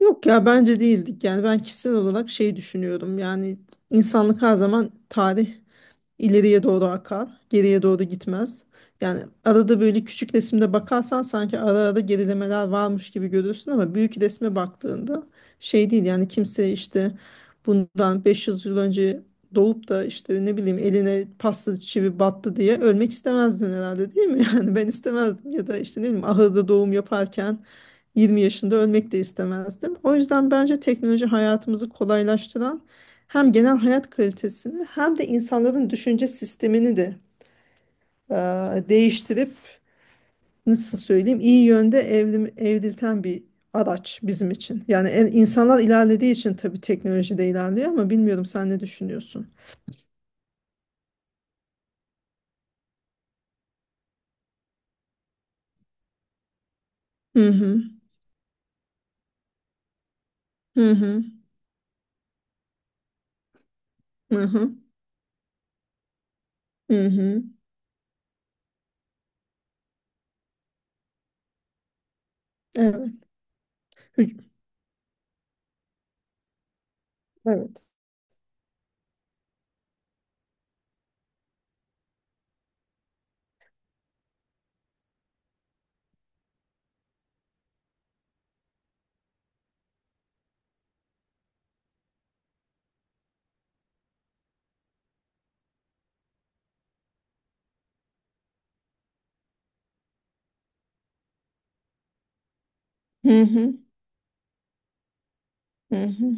Yok ya, bence değildik. Yani ben kişisel olarak şey düşünüyorum. Yani insanlık her zaman tarih İleriye doğru akar, geriye doğru gitmez. Yani arada böyle küçük resimde bakarsan sanki ara ara gerilemeler varmış gibi görürsün, ama büyük resme baktığında şey değil. Yani kimse işte bundan 500 yıl önce doğup da işte ne bileyim eline pasta çivi battı diye ölmek istemezdin herhalde, değil mi? Yani ben istemezdim, ya da işte ne bileyim ahırda doğum yaparken 20 yaşında ölmek de istemezdim. O yüzden bence teknoloji hayatımızı kolaylaştıran, hem genel hayat kalitesini hem de insanların düşünce sistemini de e, değiştirip, nasıl söyleyeyim, iyi yönde evrim, evrilten bir araç bizim için. Yani insanlar ilerlediği için tabii teknoloji de ilerliyor, ama bilmiyorum, sen ne düşünüyorsun? Hı hı. Hı hı. Hı hı. Hı hı. Evet. Hü- Evet. Hı hı. Hı hı.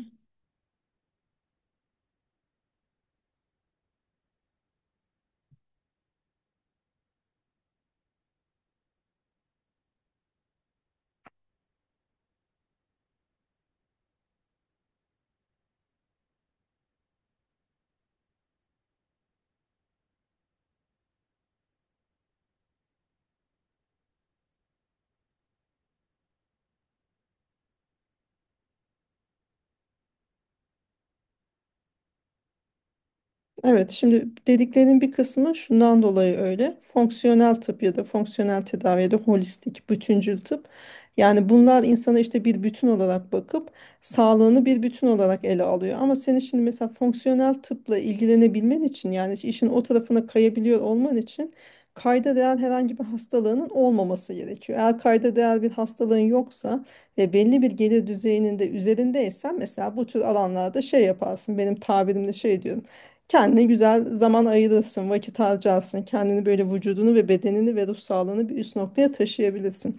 Evet, şimdi dediklerinin bir kısmı şundan dolayı öyle. Fonksiyonel tıp ya da fonksiyonel tedavi ya da holistik, bütüncül tıp. Yani bunlar insana işte bir bütün olarak bakıp sağlığını bir bütün olarak ele alıyor. Ama senin şimdi mesela fonksiyonel tıpla ilgilenebilmen için, yani işin o tarafına kayabiliyor olman için, kayda değer herhangi bir hastalığının olmaması gerekiyor. Eğer kayda değer bir hastalığın yoksa ve belli bir gelir düzeyinin de üzerindeysen, mesela bu tür alanlarda şey yaparsın. Benim tabirimle şey diyorum. Kendine güzel zaman ayırırsın, vakit harcarsın. Kendini böyle vücudunu ve bedenini ve ruh sağlığını bir üst noktaya taşıyabilirsin.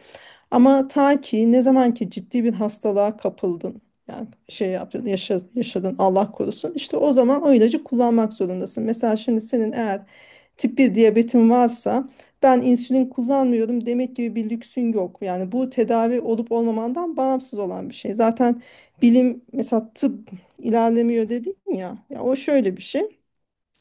Ama ta ki ne zaman ki ciddi bir hastalığa kapıldın, yani şey yaptın, yaşadın, yaşadın, Allah korusun. İşte o zaman o ilacı kullanmak zorundasın. Mesela şimdi senin eğer tip bir diyabetin varsa, ben insülin kullanmıyorum demek gibi bir lüksün yok. Yani bu tedavi olup olmamandan bağımsız olan bir şey. Zaten bilim, mesela tıp ilerlemiyor dedin ya. Ya o şöyle bir şey.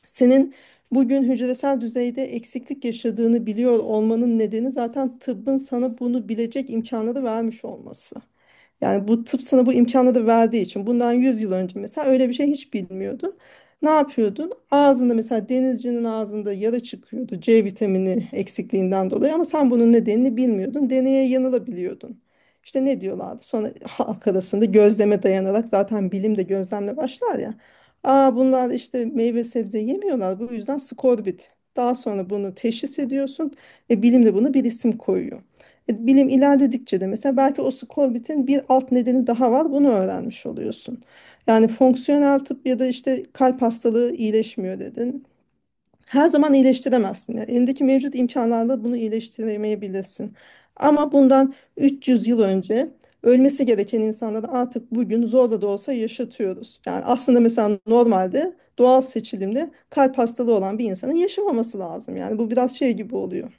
Senin bugün hücresel düzeyde eksiklik yaşadığını biliyor olmanın nedeni zaten tıbbın sana bunu bilecek imkanı da vermiş olması. Yani bu tıp sana bu imkanı da verdiği için; bundan 100 yıl önce mesela öyle bir şey hiç bilmiyordun. Ne yapıyordun? Ağzında, mesela denizcinin ağzında yara çıkıyordu C vitamini eksikliğinden dolayı, ama sen bunun nedenini bilmiyordun. Deneye yanılabiliyordun. İşte ne diyorlardı? Sonra halk arasında gözleme dayanarak, zaten bilim de gözlemle başlar ya. Aa, bunlar işte meyve sebze yemiyorlar, bu yüzden skorbut. Daha sonra bunu teşhis ediyorsun ve bilim de buna bir isim koyuyor. Bilim ilerledikçe de mesela belki o skorbitin bir alt nedeni daha var. Bunu öğrenmiş oluyorsun. Yani fonksiyonel tıp ya da işte kalp hastalığı iyileşmiyor dedin. Her zaman iyileştiremezsin. Yani elindeki mevcut imkanlarla bunu iyileştiremeyebilirsin. Ama bundan 300 yıl önce ölmesi gereken insanları artık bugün zorla da olsa yaşatıyoruz. Yani aslında mesela normalde doğal seçilimde kalp hastalığı olan bir insanın yaşamaması lazım. Yani bu biraz şey gibi oluyor,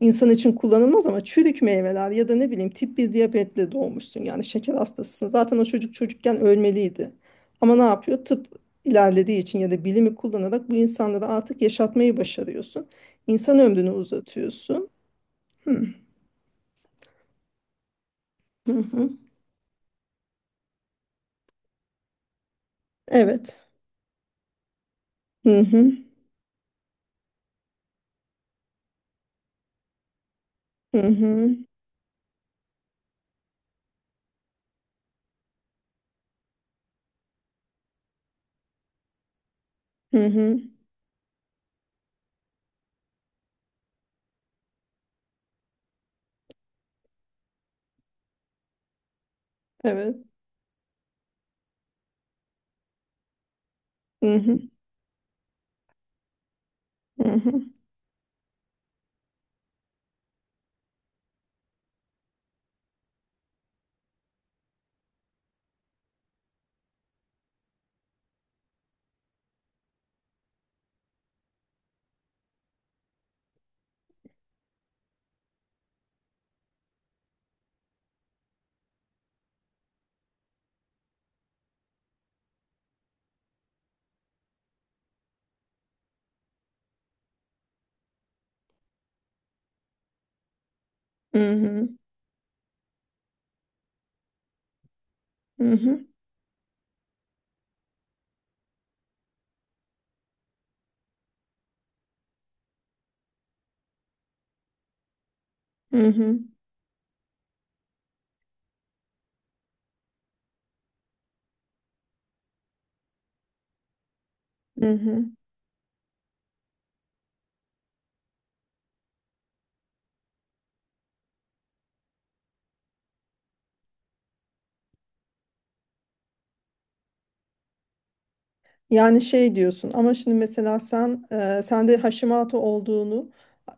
insan için kullanılmaz ama çürük meyveler, ya da ne bileyim tip bir diyabetle doğmuşsun, yani şeker hastasısın. Zaten o çocuk çocukken ölmeliydi. Ama ne yapıyor? Tıp ilerlediği için ya da bilimi kullanarak bu insanları artık yaşatmayı başarıyorsun. İnsan ömrünü uzatıyorsun. Hı hı. hı. Evet. Hı hı. Hı hı. Hı hı. Evet. Hı hı. Hı hı. Hı hı. Hı hı. Hı hı. Hı hı. Yani şey diyorsun ama şimdi mesela sen sende Hashimoto olduğunu,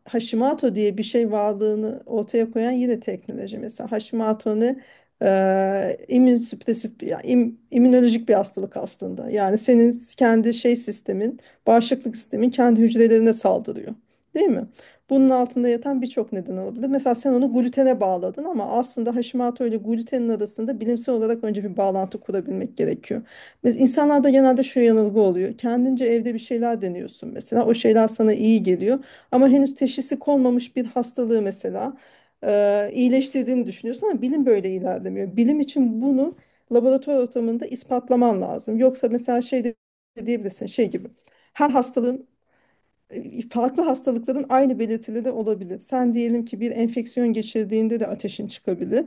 Hashimoto diye bir şey varlığını ortaya koyan yine teknoloji. Mesela Hashimoto ne? İmmünsüpresif ya, immünolojik bir hastalık aslında. Yani senin kendi şey sistemin, bağışıklık sistemin kendi hücrelerine saldırıyor, değil mi? Bunun altında yatan birçok neden olabilir. Mesela sen onu glutene bağladın, ama aslında Hashimoto ile glutenin arasında bilimsel olarak önce bir bağlantı kurabilmek gerekiyor. Biz insanlarda genelde şu yanılgı oluyor. Kendince evde bir şeyler deniyorsun mesela. O şeyler sana iyi geliyor. Ama henüz teşhisi konmamış bir hastalığı mesela iyileştirdiğini düşünüyorsun, ama bilim böyle ilerlemiyor. Bilim için bunu laboratuvar ortamında ispatlaman lazım. Yoksa mesela şey de diyebilirsin, şey gibi. Her hastalığın, farklı hastalıkların aynı belirtileri olabilir. Sen diyelim ki bir enfeksiyon geçirdiğinde de ateşin çıkabilir.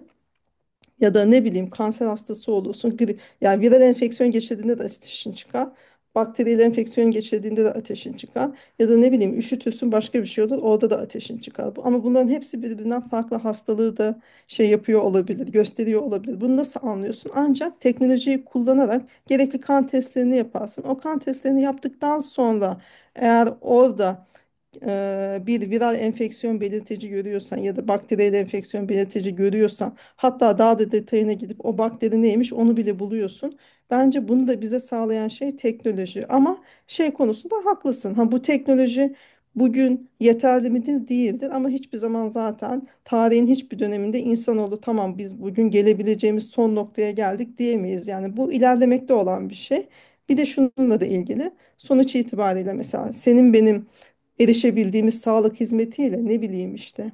Ya da ne bileyim kanser hastası olursun. Yani viral enfeksiyon geçirdiğinde de ateşin çıkar. Bakteriyel enfeksiyon geçirdiğinde de ateşin çıkar. Ya da ne bileyim üşütürsün, başka bir şey olur, orada da ateşin çıkar. Ama bunların hepsi birbirinden farklı hastalığı da şey yapıyor olabilir, gösteriyor olabilir. Bunu nasıl anlıyorsun? Ancak teknolojiyi kullanarak gerekli kan testlerini yaparsın. O kan testlerini yaptıktan sonra eğer orada bir viral enfeksiyon belirtici görüyorsan ya da bakteriyel enfeksiyon belirtici görüyorsan, hatta daha da detayına gidip o bakteri neymiş onu bile buluyorsun. Bence bunu da bize sağlayan şey teknoloji, ama şey konusunda haklısın. Ha, bu teknoloji bugün yeterli midir? Değildir, ama hiçbir zaman, zaten tarihin hiçbir döneminde insanoğlu tamam biz bugün gelebileceğimiz son noktaya geldik diyemeyiz. Yani bu ilerlemekte olan bir şey. Bir de şununla da ilgili, sonuç itibariyle mesela senin benim erişebildiğimiz sağlık hizmetiyle ne bileyim işte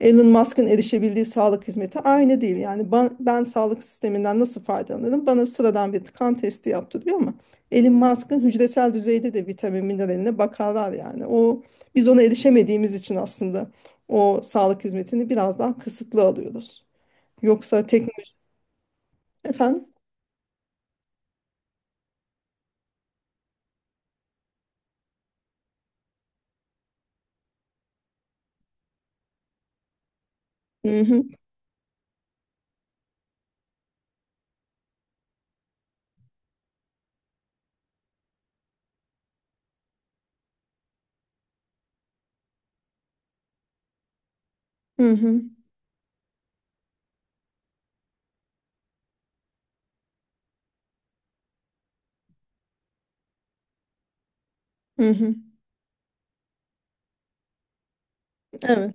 Elon Musk'ın erişebildiği sağlık hizmeti aynı değil. Yani ben sağlık sisteminden nasıl faydalanırım? Bana sıradan bir kan testi yaptırıyor, ama Elon Musk'ın hücresel düzeyde de vitamin mineraline bakarlar yani. O, biz ona erişemediğimiz için aslında o sağlık hizmetini biraz daha kısıtlı alıyoruz. Yoksa teknoloji efendim. Hı hı, hı hı, hı hı. Evet.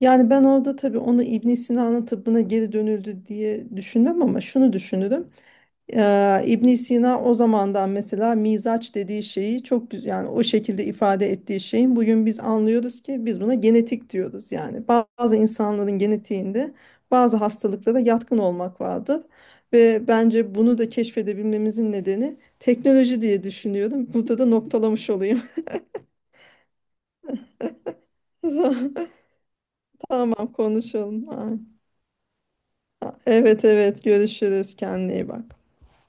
Yani ben orada tabii onu İbn Sina'nın tıbbına geri dönüldü diye düşünmem, ama şunu düşünürüm. İbn Sina o zamandan mesela mizaç dediği şeyi çok güzel, yani o şekilde ifade ettiği şeyin bugün biz anlıyoruz ki biz buna genetik diyoruz. Yani bazı insanların genetiğinde bazı hastalıklara yatkın olmak vardır. Ve bence bunu da keşfedebilmemizin nedeni teknoloji diye düşünüyorum. Burada da noktalamış olayım. Tamam, konuşalım. Evet, evet, görüşürüz, kendine iyi bak.